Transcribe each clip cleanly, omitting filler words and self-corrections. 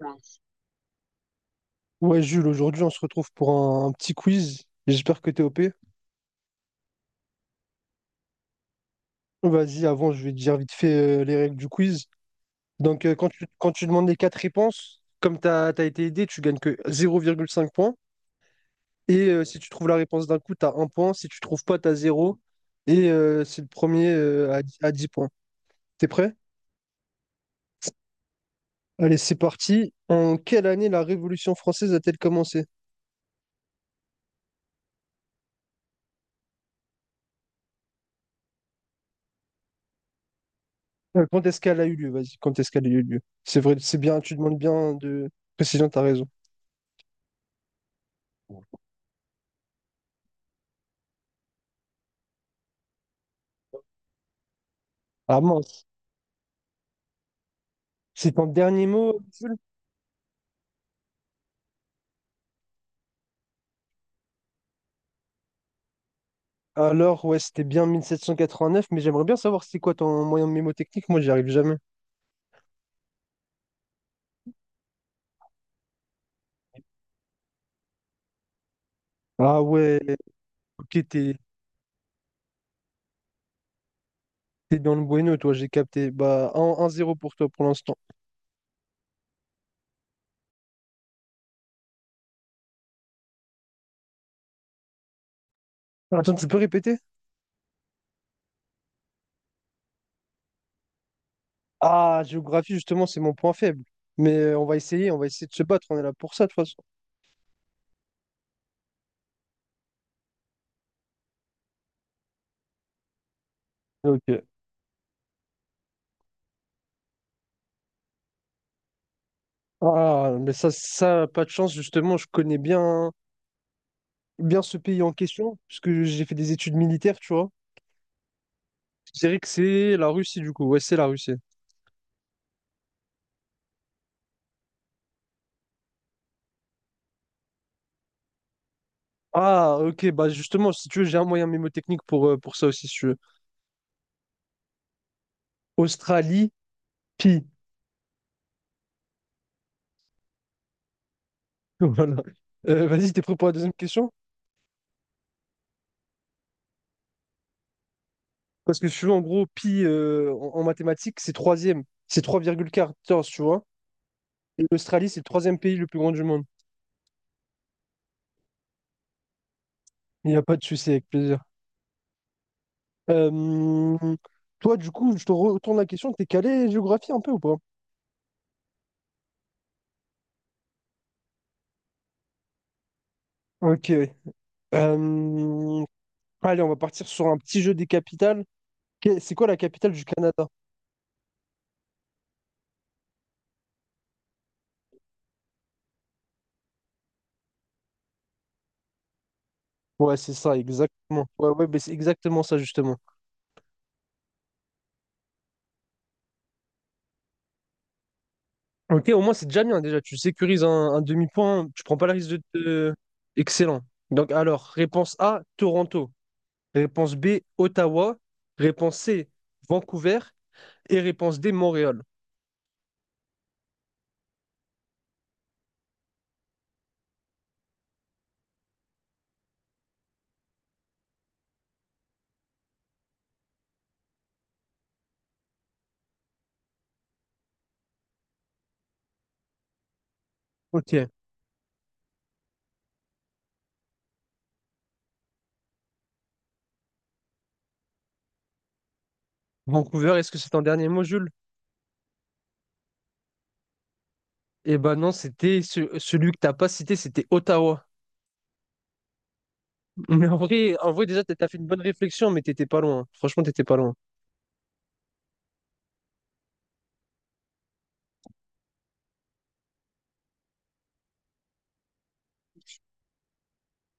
Ouais, Jules, aujourd'hui, on se retrouve pour un petit quiz. J'espère que t'es OP. Vas-y, avant, je vais te dire vite fait les règles du quiz. Donc, quand tu demandes les quatre réponses, comme t'as été aidé, tu gagnes que zéro virgule cinq points. Et si tu trouves la réponse d'un coup, t'as un point. Si tu trouves pas, t'as zéro. Et c'est le premier à 10 points. T'es prêt? Allez, c'est parti. En quelle année la Révolution française a-t-elle commencé? Quand est-ce qu'elle a eu lieu? Vas-y, quand est-ce qu'elle a eu lieu? C'est vrai, c'est bien, tu demandes bien de précision, t'as raison. Ah mince. C'est ton dernier mot, Jules? Alors, ouais, c'était bien 1789, mais j'aimerais bien savoir c'est quoi ton moyen mnémotechnique. Moi, j'y arrive jamais. Ah ouais, ok, t'es dans le bueno, toi, j'ai capté. Bah, un zéro pour toi pour l'instant. Attends, tu peux répéter? Ah, géographie, justement, c'est mon point faible. Mais on va essayer de se battre, on est là pour ça, de toute façon. Ok. Ah, mais pas de chance, justement, je connais bien ce pays en question, puisque j'ai fait des études militaires, tu vois. Je dirais que c'est la Russie, du coup. Ouais, c'est la Russie. Ah, ok, bah justement, si tu veux, j'ai un moyen mnémotechnique pour ça aussi, si tu veux. Australie, pi. Voilà. Vas-y, t'es prêt pour la deuxième question? Parce que si tu veux, en gros, pi en mathématiques, c'est troisième. C'est trois virgule quatorze tu vois. Et l'Australie, c'est le troisième pays le plus grand du monde. Il n'y a pas de souci, avec plaisir. Euh, toi, du coup, je te retourne la question. T'es calé géographie un peu ou pas? Ok. Oui. Euh, allez, on va partir sur un petit jeu des capitales. C'est quoi la capitale du Canada? Ouais, c'est ça, exactement. Ouais, ouais, ben c'est exactement ça, justement. Ok, au moins, c'est déjà bien, déjà. Tu sécurises un demi-point, tu prends pas le risque de te... Excellent. Donc, alors, réponse A, Toronto. Réponse B, Ottawa. Réponse C, Vancouver. Et réponse D, Montréal. Ok. Vancouver, est-ce que c'est ton dernier mot, Jules? Eh ben non, c'était celui que t'as pas cité, c'était Ottawa. Mais en vrai déjà, t'as fait une bonne réflexion, mais t'étais pas loin. Franchement, t'étais pas loin.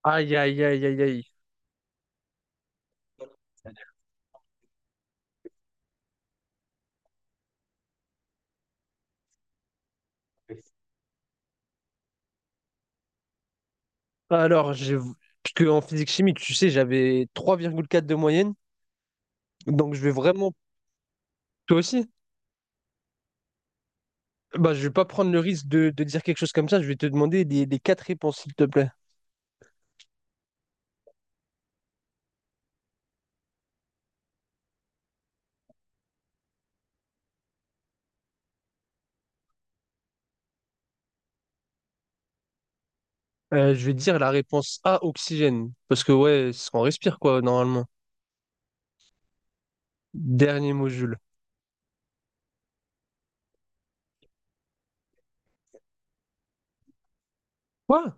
Aïe, aïe, aïe, aïe, aïe. Alors, j'ai... parce qu'en physique chimie, tu sais, j'avais trois virgule quatre de moyenne. Donc, je vais vraiment. Toi aussi? Bah, je vais pas prendre le risque de dire quelque chose comme ça. Je vais te demander les quatre réponses, s'il te plaît. Je vais dire la réponse A, oxygène. Parce que, ouais, c'est ce qu'on respire, quoi, normalement. Dernier mot, Jules. Quoi?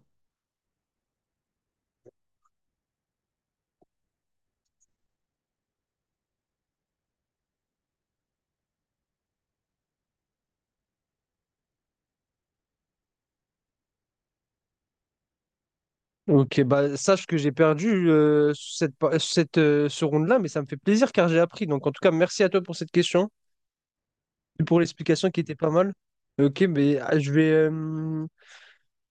Ok, bah sache que j'ai perdu ce round-là, mais ça me fait plaisir car j'ai appris. Donc en tout cas, merci à toi pour cette question et pour l'explication qui était pas mal. Ok, mais ah,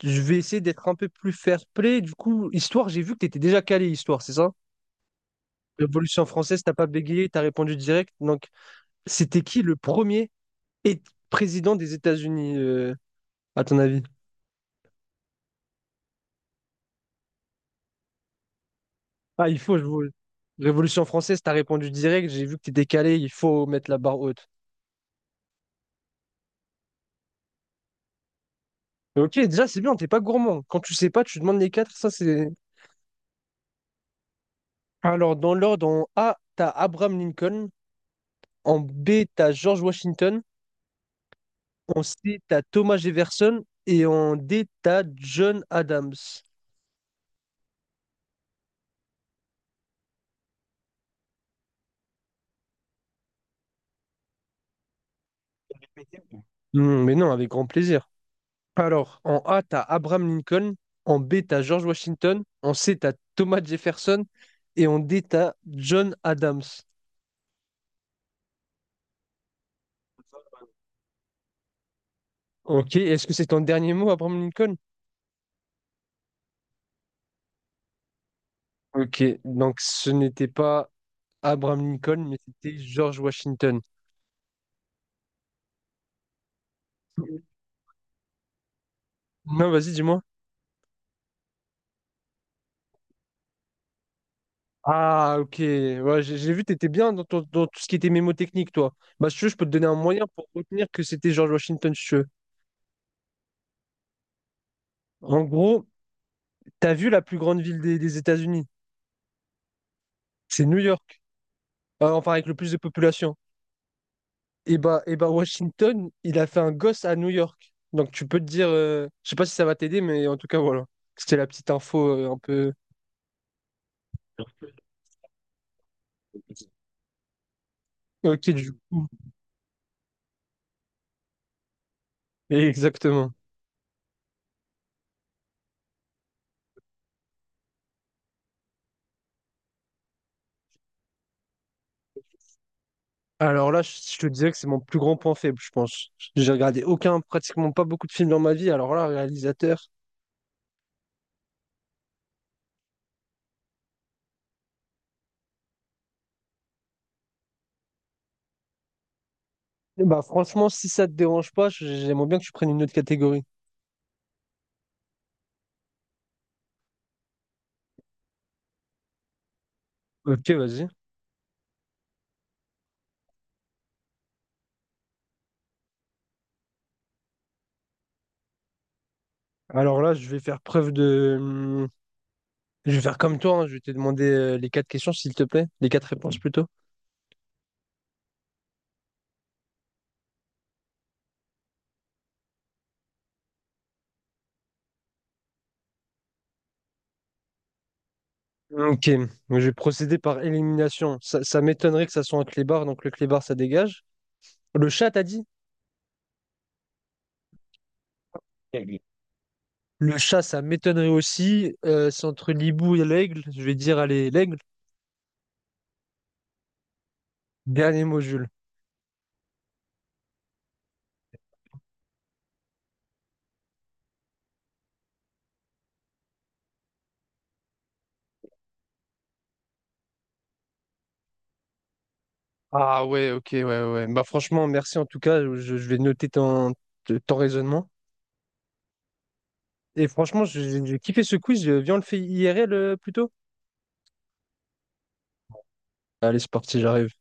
je vais essayer d'être un peu plus fair-play. Du coup, histoire, j'ai vu que tu étais déjà calé histoire, c'est ça? Révolution française, t'as pas bégayé, t'as répondu direct. Donc c'était qui le premier é- président des États-Unis, à ton avis? Ah, il faut, je vous... Révolution française, t'as répondu direct. J'ai vu que t'étais calé, il faut mettre la barre haute. Mais ok, déjà, c'est bien, t'es pas gourmand. Quand tu sais pas, tu demandes les quatre. Ça, c'est. Alors, dans l'ordre, en A, t'as Abraham Lincoln. En B, t'as George Washington. En C, t'as Thomas Jefferson. Et en D, t'as John Adams. Hmm, mais non, avec grand plaisir. Alors, en A, t'as Abraham Lincoln. En B, t'as George Washington. En C, t'as Thomas Jefferson. Et en D, t'as John Adams. Ok, est-ce que c'est ton dernier mot, Abraham Lincoln? Ok, donc ce n'était pas Abraham Lincoln, mais c'était George Washington. Non, vas-y, dis-moi. Ah, ok. Ouais, j'ai vu, t'étais bien dans tout ce qui était mémotechnique, toi. Bah, si tu veux, je peux te donner un moyen pour retenir que c'était George Washington, si tu veux. En gros, t'as vu la plus grande ville des États-Unis? C'est New York. Enfin, avec le plus de population. Et bah, Washington, il a fait un gosse à New York. Donc, tu peux te dire, je sais pas si ça va t'aider, mais en tout cas, voilà. C'était la petite info un peu. Ok, du coup. Exactement. Alors là, je te disais que c'est mon plus grand point faible, je pense. J'ai regardé aucun, pratiquement pas beaucoup de films dans ma vie. Alors là, réalisateur, eh bah franchement, si ça te dérange pas, j'aimerais bien que tu prennes une autre catégorie. Ok, vas-y. Alors là, je vais faire preuve de... je vais faire comme toi, hein, je vais te demander les quatre questions, s'il te plaît. Les quatre réponses plutôt. Ok, je vais procéder par élimination. Ça m'étonnerait que ça soit un clébard, donc le clébard, ça dégage. Le chat, t'as dit? Aigle. Le chat, ça m'étonnerait aussi. C'est entre l'hibou et l'aigle. Je vais dire, allez, l'aigle. Dernier mot, Jules. Ah ouais, ok, ouais, ouais. Bah franchement, merci en tout cas. Je vais noter ton raisonnement. Et franchement, j'ai kiffé ce quiz. Viens, on le fait IRL plutôt. Allez, c'est parti, j'arrive.